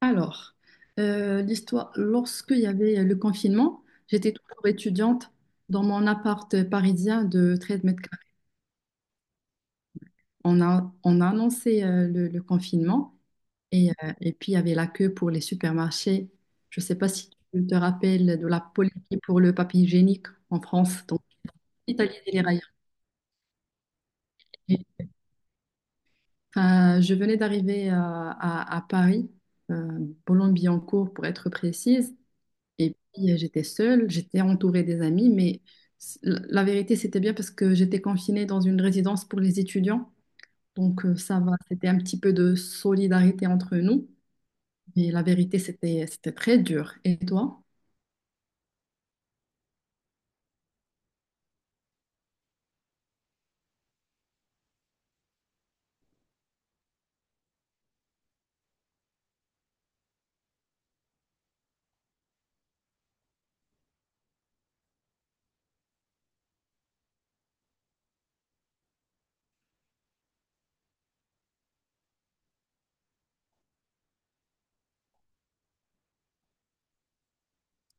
Alors, l'histoire, lorsqu'il y avait le confinement, j'étais toujours étudiante dans mon appart parisien de 13 mètres carrés. On a annoncé le confinement et puis il y avait la queue pour les supermarchés. Je ne sais pas si tu te rappelles de la politique pour le papier hygiénique en France, donc Italie et les railleurs. Enfin, je venais d'arriver à, à Paris, euh, Boulogne-Billancourt pour être précise. Et puis, j'étais seule, j'étais entourée des amis, mais la vérité, c'était bien parce que j'étais confinée dans une résidence pour les étudiants. Donc, ça va, c'était un petit peu de solidarité entre nous. Mais la vérité, c'était très dur. Et toi?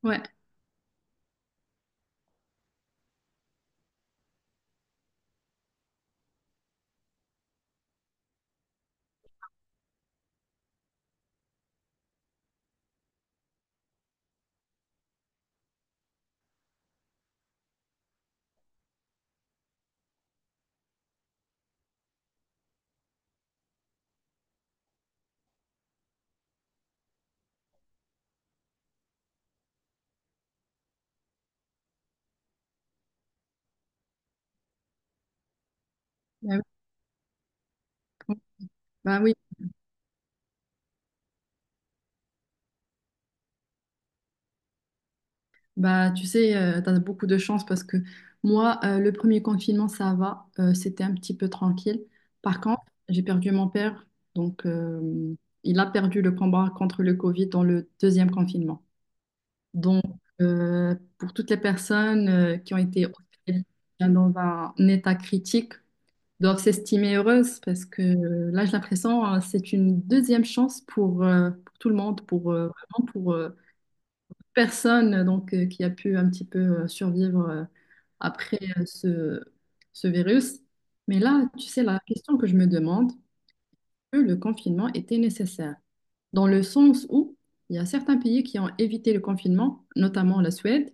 Ouais. Bah oui, bah oui. Bah, tu sais, t'as beaucoup de chance parce que moi, le premier confinement, ça va, c'était un petit peu tranquille. Par contre, j'ai perdu mon père, donc il a perdu le combat contre le Covid dans le deuxième confinement. Donc, pour toutes les personnes qui ont été hospitalisées dans un état critique, doivent s'estimer heureuses parce que là, j'ai l'impression, c'est une deuxième chance pour tout le monde, pour vraiment pour personne donc qui a pu un petit peu survivre après ce, virus. Mais là, tu sais, la question que je me demande, que le confinement était nécessaire, dans le sens où il y a certains pays qui ont évité le confinement, notamment la Suède.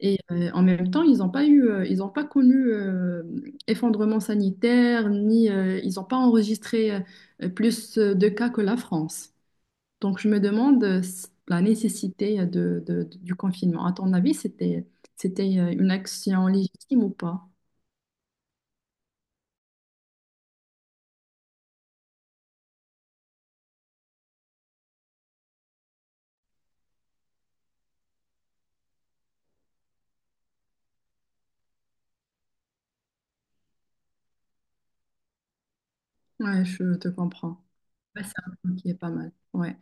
Et en même temps, ils n'ont pas ils n'ont pas connu effondrement sanitaire, ni ils n'ont pas enregistré plus de cas que la France. Donc, je me demande la nécessité du confinement. À ton avis, c'était une action légitime ou pas? Ouais, je te comprends. Ouais, c'est un point qui est pas mal. Ouais,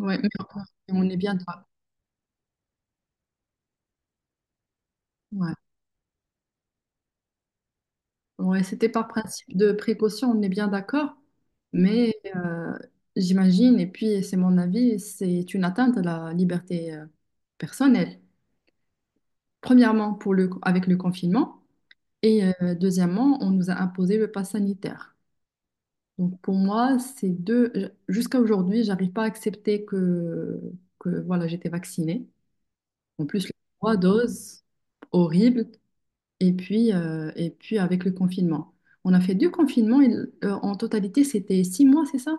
ouais, mais on est bien d'accord. Ouais. Ouais, c'était par principe de précaution, on est bien d'accord, mais j'imagine, et puis c'est mon avis, c'est une atteinte à la liberté personnelle. Premièrement, avec le confinement, et deuxièmement, on nous a imposé le pass sanitaire. Donc pour moi, ces deux, jusqu'à aujourd'hui, j'arrive pas à accepter que voilà, j'étais vaccinée. En plus, les 3 doses, horrible. Et puis avec le confinement. On a fait 2 confinements en totalité, c'était 6 mois, c'est ça?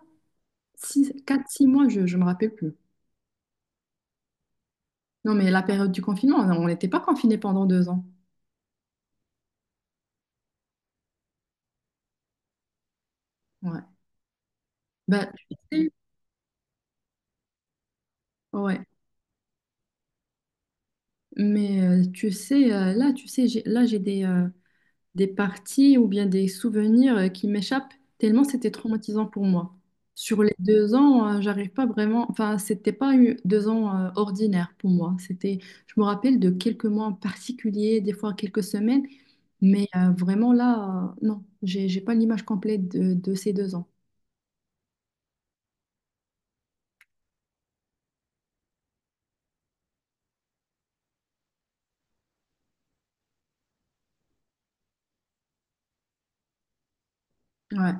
6, 4, 6 mois, je ne me rappelle plus. Non, mais la période du confinement, on n'était pas confinés pendant 2 ans. Ouais. Bah, tu sais, ouais. Mais tu sais, là, tu sais, là, j'ai des parties ou bien des souvenirs qui m'échappent tellement c'était traumatisant pour moi. Sur les 2 ans, j'arrive pas vraiment. Enfin, c'était pas 2 ans ordinaires pour moi. C'était, je me rappelle de quelques mois en particulier, des fois quelques semaines, mais vraiment là, non, j'ai pas l'image complète de ces 2 ans. Ouais.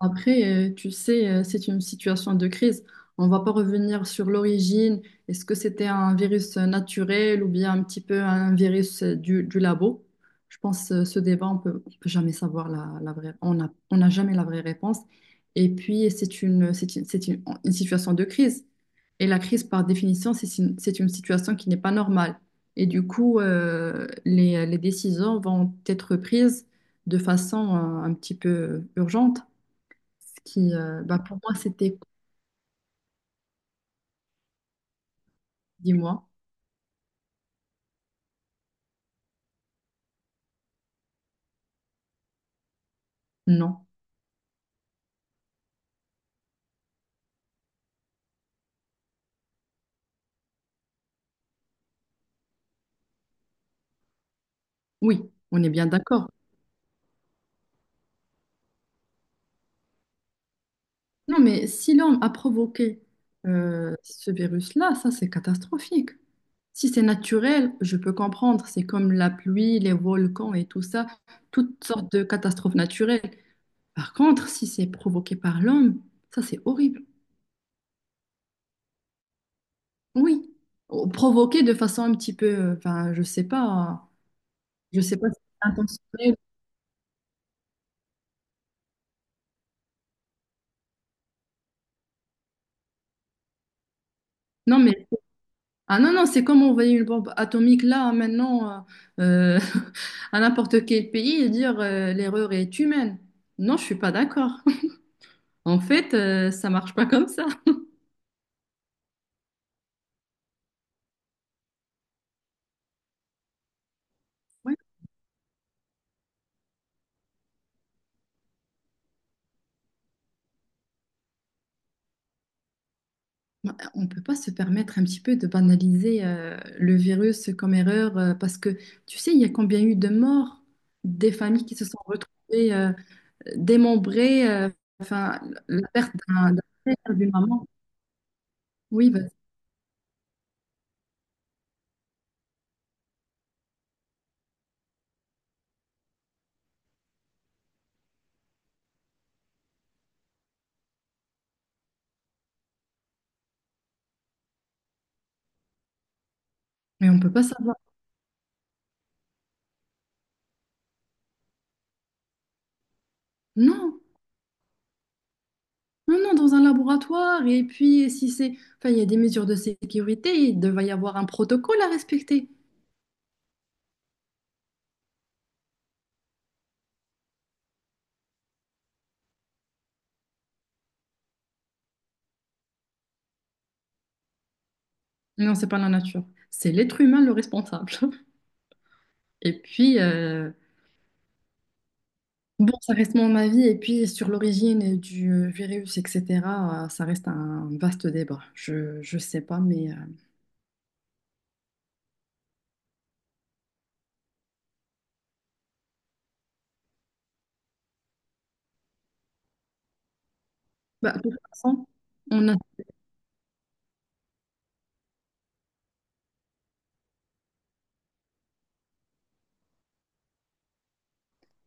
Après, tu sais, c'est une situation de crise. On va pas revenir sur l'origine. Est-ce que c'était un virus naturel ou bien un petit peu un virus du labo? Je pense ce débat, on peut jamais savoir la vraie. On n'a jamais la vraie réponse. Et puis, c'est une situation de crise. Et la crise, par définition, c'est une situation qui n'est pas normale. Et du coup, les décisions vont être prises de façon un petit peu urgente. Ce qui, bah, pour moi, c'était, dis-moi, non. Oui, on est bien d'accord. Non, mais si l'homme a provoqué ce virus-là, ça, c'est catastrophique. Si c'est naturel, je peux comprendre. C'est comme la pluie, les volcans et tout ça, toutes sortes de catastrophes naturelles. Par contre, si c'est provoqué par l'homme, ça, c'est horrible. Oui, ou provoqué de façon un petit peu, enfin, je sais pas si c'est intentionnel. Non, mais ah non, non, c'est comme envoyer une bombe atomique là, hein, maintenant, euh, à n'importe quel pays et dire l'erreur est humaine. Non, je suis pas d'accord. En fait, ça marche pas comme ça. Ouais. On peut pas se permettre un petit peu de banaliser le virus comme erreur parce que tu sais, il y a combien eu de morts, des familles qui se sont retrouvées démembrées, enfin, la perte d'un père, d'une maman. Oui, vas-y. Mais on peut pas savoir. Non. Non, non, dans un laboratoire. Et puis, si c'est... Enfin, il y a des mesures de sécurité, il devait y avoir un protocole à respecter. Non, c'est pas la nature. C'est l'être humain le responsable. Et puis, bon, ça reste mon avis. Et puis, sur l'origine du virus, etc., ça reste un vaste débat. Je sais pas, mais... bah, de toute façon, on a...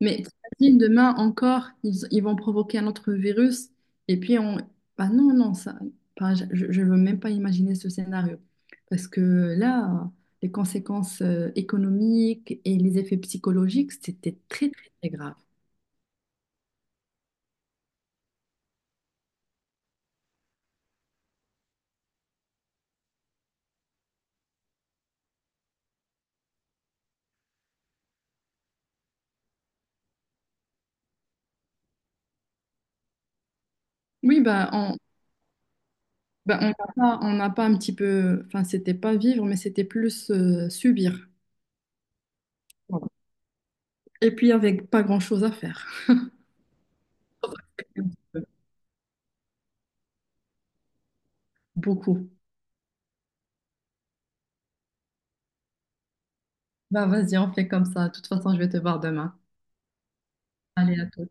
Mais t'imagines, demain encore, ils vont provoquer un autre virus et puis on... Bah non, non, ça, bah, je ne veux même pas imaginer ce scénario. Parce que là, les conséquences économiques et les effets psychologiques, c'était très, très, très grave. Oui, bah on bah, on n'a pas un petit peu... Enfin, c'était pas vivre, mais c'était plus subir. Voilà. Et puis avec pas grand-chose à faire. Beaucoup. Bah vas-y, on fait comme ça. De toute façon, je vais te voir demain. Allez, à toi.